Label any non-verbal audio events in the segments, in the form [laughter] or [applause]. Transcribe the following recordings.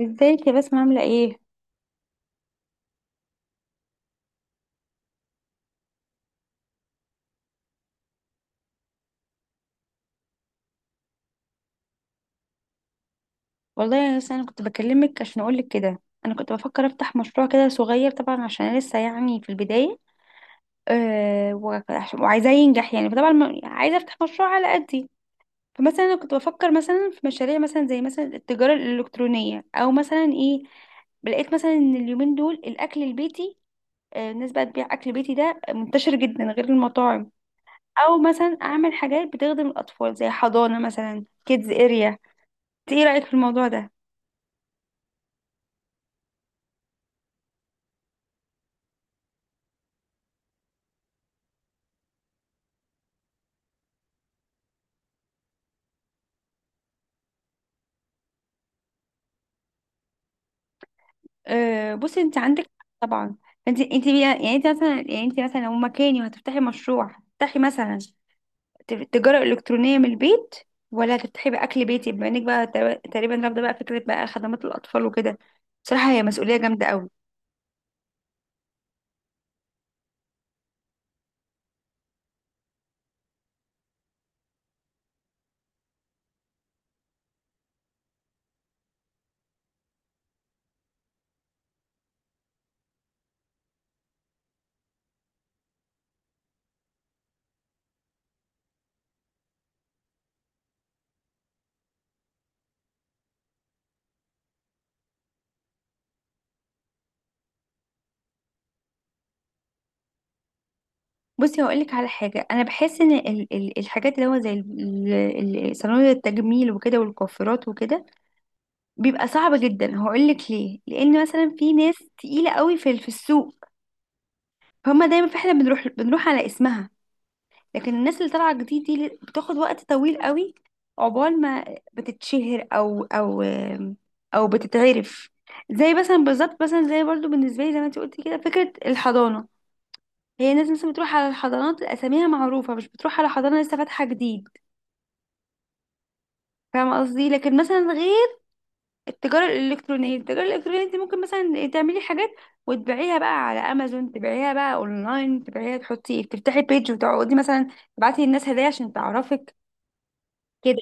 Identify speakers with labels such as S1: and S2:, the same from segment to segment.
S1: ازيك يا بسمة؟ عاملة ايه؟ والله يا ناس، انا كنت بكلمك عشان اقولك كده، انا كنت بفكر افتح مشروع كده صغير طبعا، عشان انا لسه يعني في البداية. وعايزاه ينجح يعني، فطبعا عايزة افتح مشروع على قدي. فمثلا انا كنت بفكر مثلا في مشاريع، مثلا زي مثلا التجارة الالكترونية، او مثلا ايه، لقيت مثلا ان اليومين دول الاكل البيتي، الناس بقى تبيع اكل بيتي ده، منتشر جدا غير المطاعم. او مثلا اعمل حاجات بتخدم الاطفال، زي حضانة مثلا، كيدز اريا. ايه رأيك في الموضوع ده؟ بصي، انت عندك حق طبعا. انت يعني انت مثلا، يعني انت مثلا لو مكاني وهتفتحي مشروع، هتفتحي مثلا تجارة إلكترونية من البيت، ولا هتفتحي بأكل بيتي؟ بما انك بقى تقريبا رافضة بقى فكرة بقى خدمات الأطفال وكده، بصراحة هي مسؤولية جامدة قوي. بصي هقول لك على حاجة، أنا بحس إن الحاجات اللي هو زي صناديق التجميل وكده، والكوافيرات وكده، بيبقى صعب جدا. هقول لك ليه، لأن مثلا في ناس تقيلة قوي في السوق، فهم دايما، فاحنا بنروح على اسمها. لكن الناس اللي طالعه جديد دي بتاخد وقت طويل قوي عقبال ما بتتشهر، او بتتعرف. زي مثلا بالظبط، مثلا زي برضو بالنسبه لي، زي ما انت قلتي كده، فكره الحضانه، هي الناس مثلا بتروح على الحضانات اساميها معروفه، مش بتروح على حضانه لسه فاتحه جديد. فاهمه قصدي؟ لكن مثلا غير التجاره الالكترونيه، التجاره الالكترونيه انت ممكن مثلا تعملي حاجات وتبيعيها بقى على امازون، تبيعيها بقى اونلاين، تبيعيها، تحطي، تفتحي بيج، وتقعدي مثلا تبعتي للناس هدايا عشان تعرفك كده.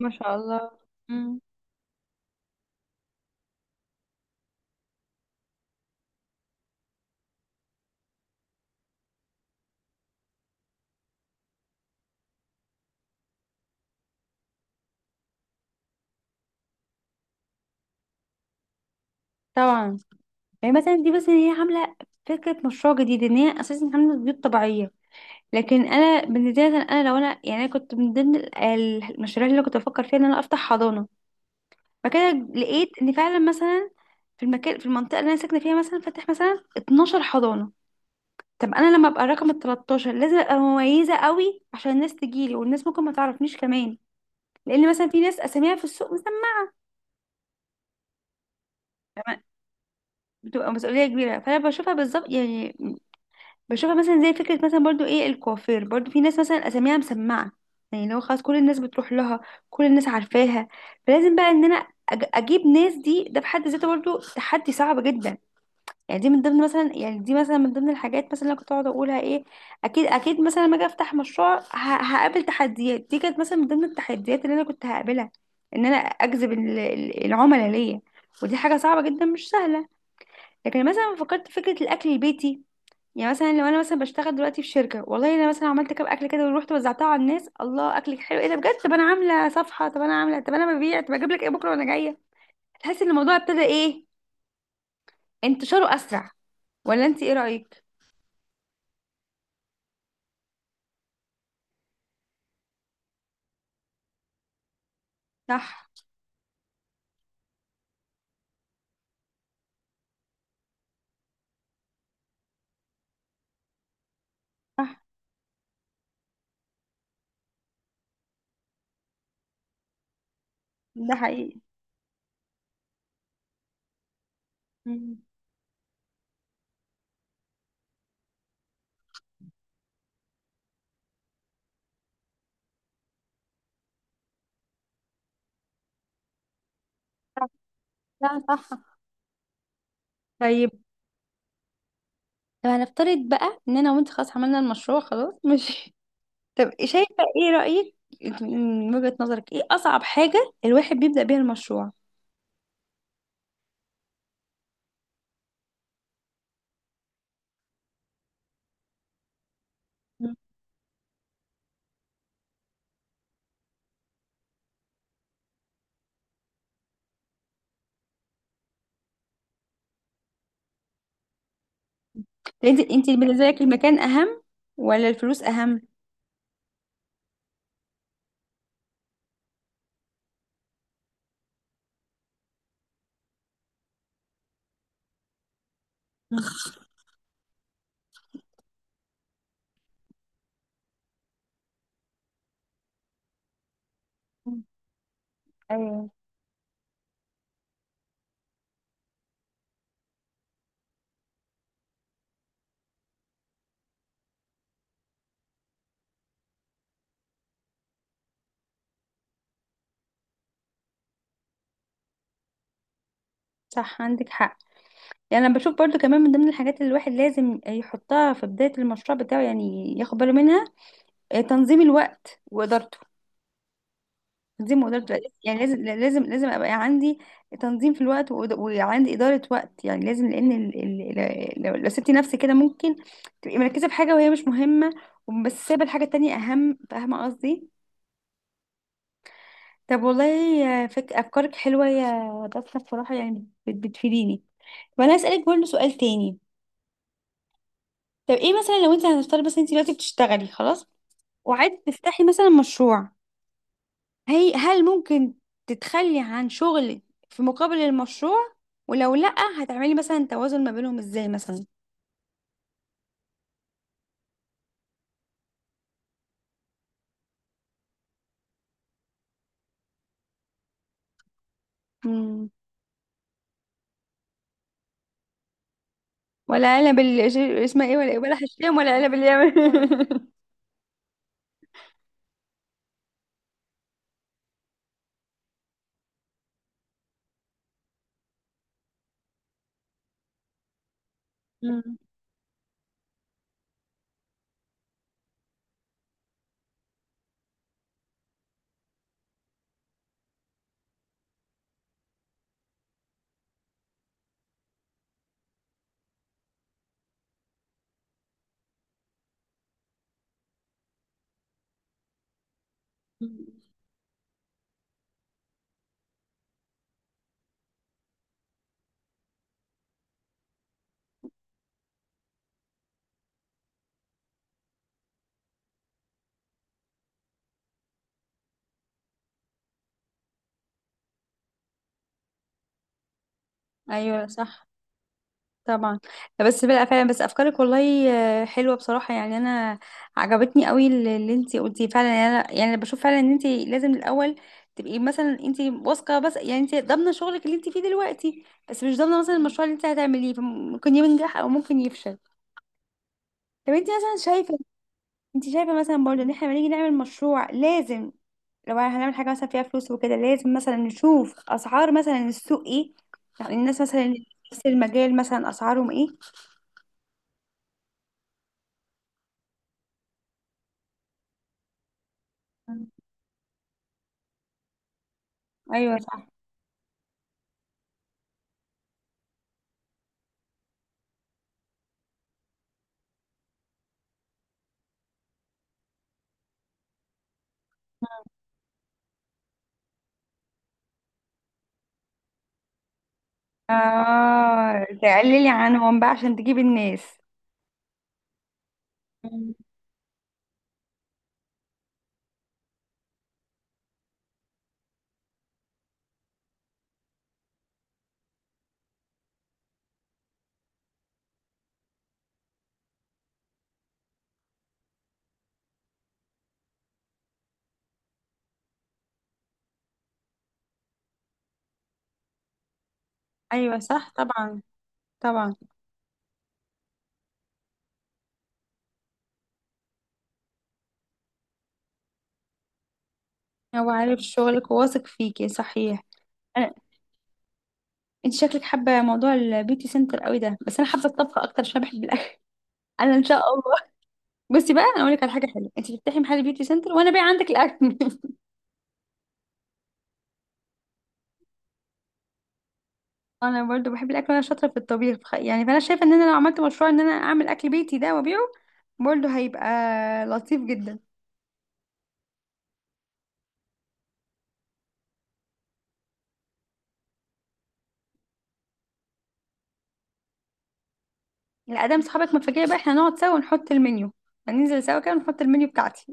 S1: ما شاء الله. مم. طبعا. يعني مثلا دي بس ان هي عامله فكره مشروع جديد، ان هي اساسا عامله بيوت طبيعيه. لكن انا بالنسبه لي مثلاً، انا لو انا، يعني انا كنت من ضمن المشاريع اللي أنا كنت بفكر فيها ان انا افتح حضانه، فكده لقيت ان فعلا مثلا في المكان، في المنطقه اللي انا ساكنه فيها مثلا فاتح مثلا 12 حضانه. طب انا لما ابقى رقم ال 13، لازم ابقى مميزه قوي عشان الناس تجيلي، والناس ممكن ما تعرفنيش كمان، لان مثلا في ناس اساميها في السوق مثلا. بتبقى مسؤولية كبيرة، فأنا بشوفها بالظبط يعني، بشوفها مثلا زي فكرة مثلا، برضو ايه، الكوافير برضو في ناس مثلا اساميها مسمعة، يعني لو خلاص كل الناس بتروح لها، كل الناس عارفاها، فلازم بقى ان انا اجيب ناس دي، ده في حد ذاته برضو تحدي صعب جدا. يعني دي من ضمن مثلا، يعني دي مثلا من ضمن الحاجات مثلا اللي أنا كنت اقعد اقولها ايه، اكيد اكيد مثلا لما اجي افتح مشروع، هقابل تحديات. دي كانت مثلا من ضمن التحديات اللي انا كنت هقابلها، ان انا اجذب العملاء ليا، ودي حاجة صعبة جدا مش سهلة. لكن مثلا فكرت في فكرة الاكل البيتي، يعني مثلا لو انا مثلا بشتغل دلوقتي في شركه، والله انا مثلا عملت كام اكل كده ورحت وزعتها على الناس، الله اكلك حلو، ايه ده بجد، طب انا عامله صفحه، طب انا عامله، طب انا ببيع، طب اجيب لك ايه بكره وانا جايه. تحس ان الموضوع ابتدى ايه، انتشاره اسرع، ولا انت ايه رايك؟ صح. صح، ده حقيقي. مم. صح. لا، صح. طيب، طب هنفترض بقى ان انا وانت خلاص عملنا المشروع خلاص، ماشي. [laughs] طب شايفه، ايه رايك، انت من وجهه نظرك ايه اصعب حاجه الواحد بيبدا بيها المشروع؟ مم. انت انت بالنسبه لك المكان اهم، ولا الفلوس اهم؟ ايوه، صح، عندك حق. يعني انا بشوف برضو كمان من ضمن الحاجات اللي الواحد لازم يحطها في بداية المشروع بتاعه، يعني ياخد باله منها، تنظيم الوقت وادارته، تنظيم وادارته، يعني لازم، يعني لازم ابقى عندي تنظيم في الوقت، وإد- وعندي ادارة وقت، يعني لازم، لان لو سبتي نفسك كده، ممكن تبقي مركزة في حاجة وهي مش مهمة، بس سايبة الحاجة التانية اهم، فاهمة قصدي؟ طب والله، افكارك حلوة يا دكتور بصراحة، يعني بتفيديني. وانا اسألك برضو سؤال تاني، طب ايه مثلا لو انت، هنفترض بس انت دلوقتي بتشتغلي خلاص وعايزه تفتحي مثلا مشروع، هي هل ممكن تتخلي عن شغلك في مقابل المشروع؟ ولو لأ، هتعملي مثلا توازن ما بينهم ازاي مثلا؟ مم. ولا علب اللي اسمها ايه، ولا هشام، ولا علب اللي يعمل. [laughs] مم. مم. ايوه، صح طبعا. بس بلا فعلا بس، افكارك والله، حلوه بصراحه، يعني انا عجبتني قوي اللي انتي قلتيه فعلا. يعني انا، يعني أنا بشوف فعلا ان انتي لازم الاول تبقي مثلا انتي واثقه، بس يعني انتي ضامنه شغلك اللي انتي فيه دلوقتي، بس مش ضامنه مثلا المشروع اللي انتي هتعمليه، فممكن ينجح او ممكن يفشل. طب انتي مثلا شايفه، انتي شايفه مثلا برضه ان احنا لما نيجي نعمل مشروع لازم، لو هنعمل حاجه مثلا فيها فلوس وكده، لازم مثلا نشوف اسعار مثلا السوق ايه، يعني الناس مثلا اللي في نفس المجال مثلا اسعارهم ايه. ايوه. اه، تقللي عنهم بقى عشان تجيبي الناس. مم. ايوه، صح طبعا. طبعا. هو عارف شغلك وواثق فيكي، صحيح. أنا... انت شكلك حابه موضوع البيوتي سنتر قوي ده، بس انا حابه الطبخ اكتر عشان بحب الاكل. [laughs] انا ان شاء الله، بصي بقى انا اقول لك على حاجه حلوه، انت تفتحي محل بيوتي سنتر وانا بايع عندك الاكل. [laughs] انا برضو بحب الاكل وانا شاطره في الطبيخ، يعني فانا شايفه ان انا لو عملت مشروع ان انا اعمل اكل بيتي ده وابيعه، برضو هيبقى لطيف جدا. لا، ادام صحابك متفاجئة بقى، احنا نقعد سوا ونحط المنيو، هننزل سوا كده ونحط المنيو بتاعتي.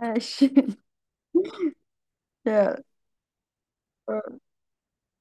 S1: [laughs] ماشي.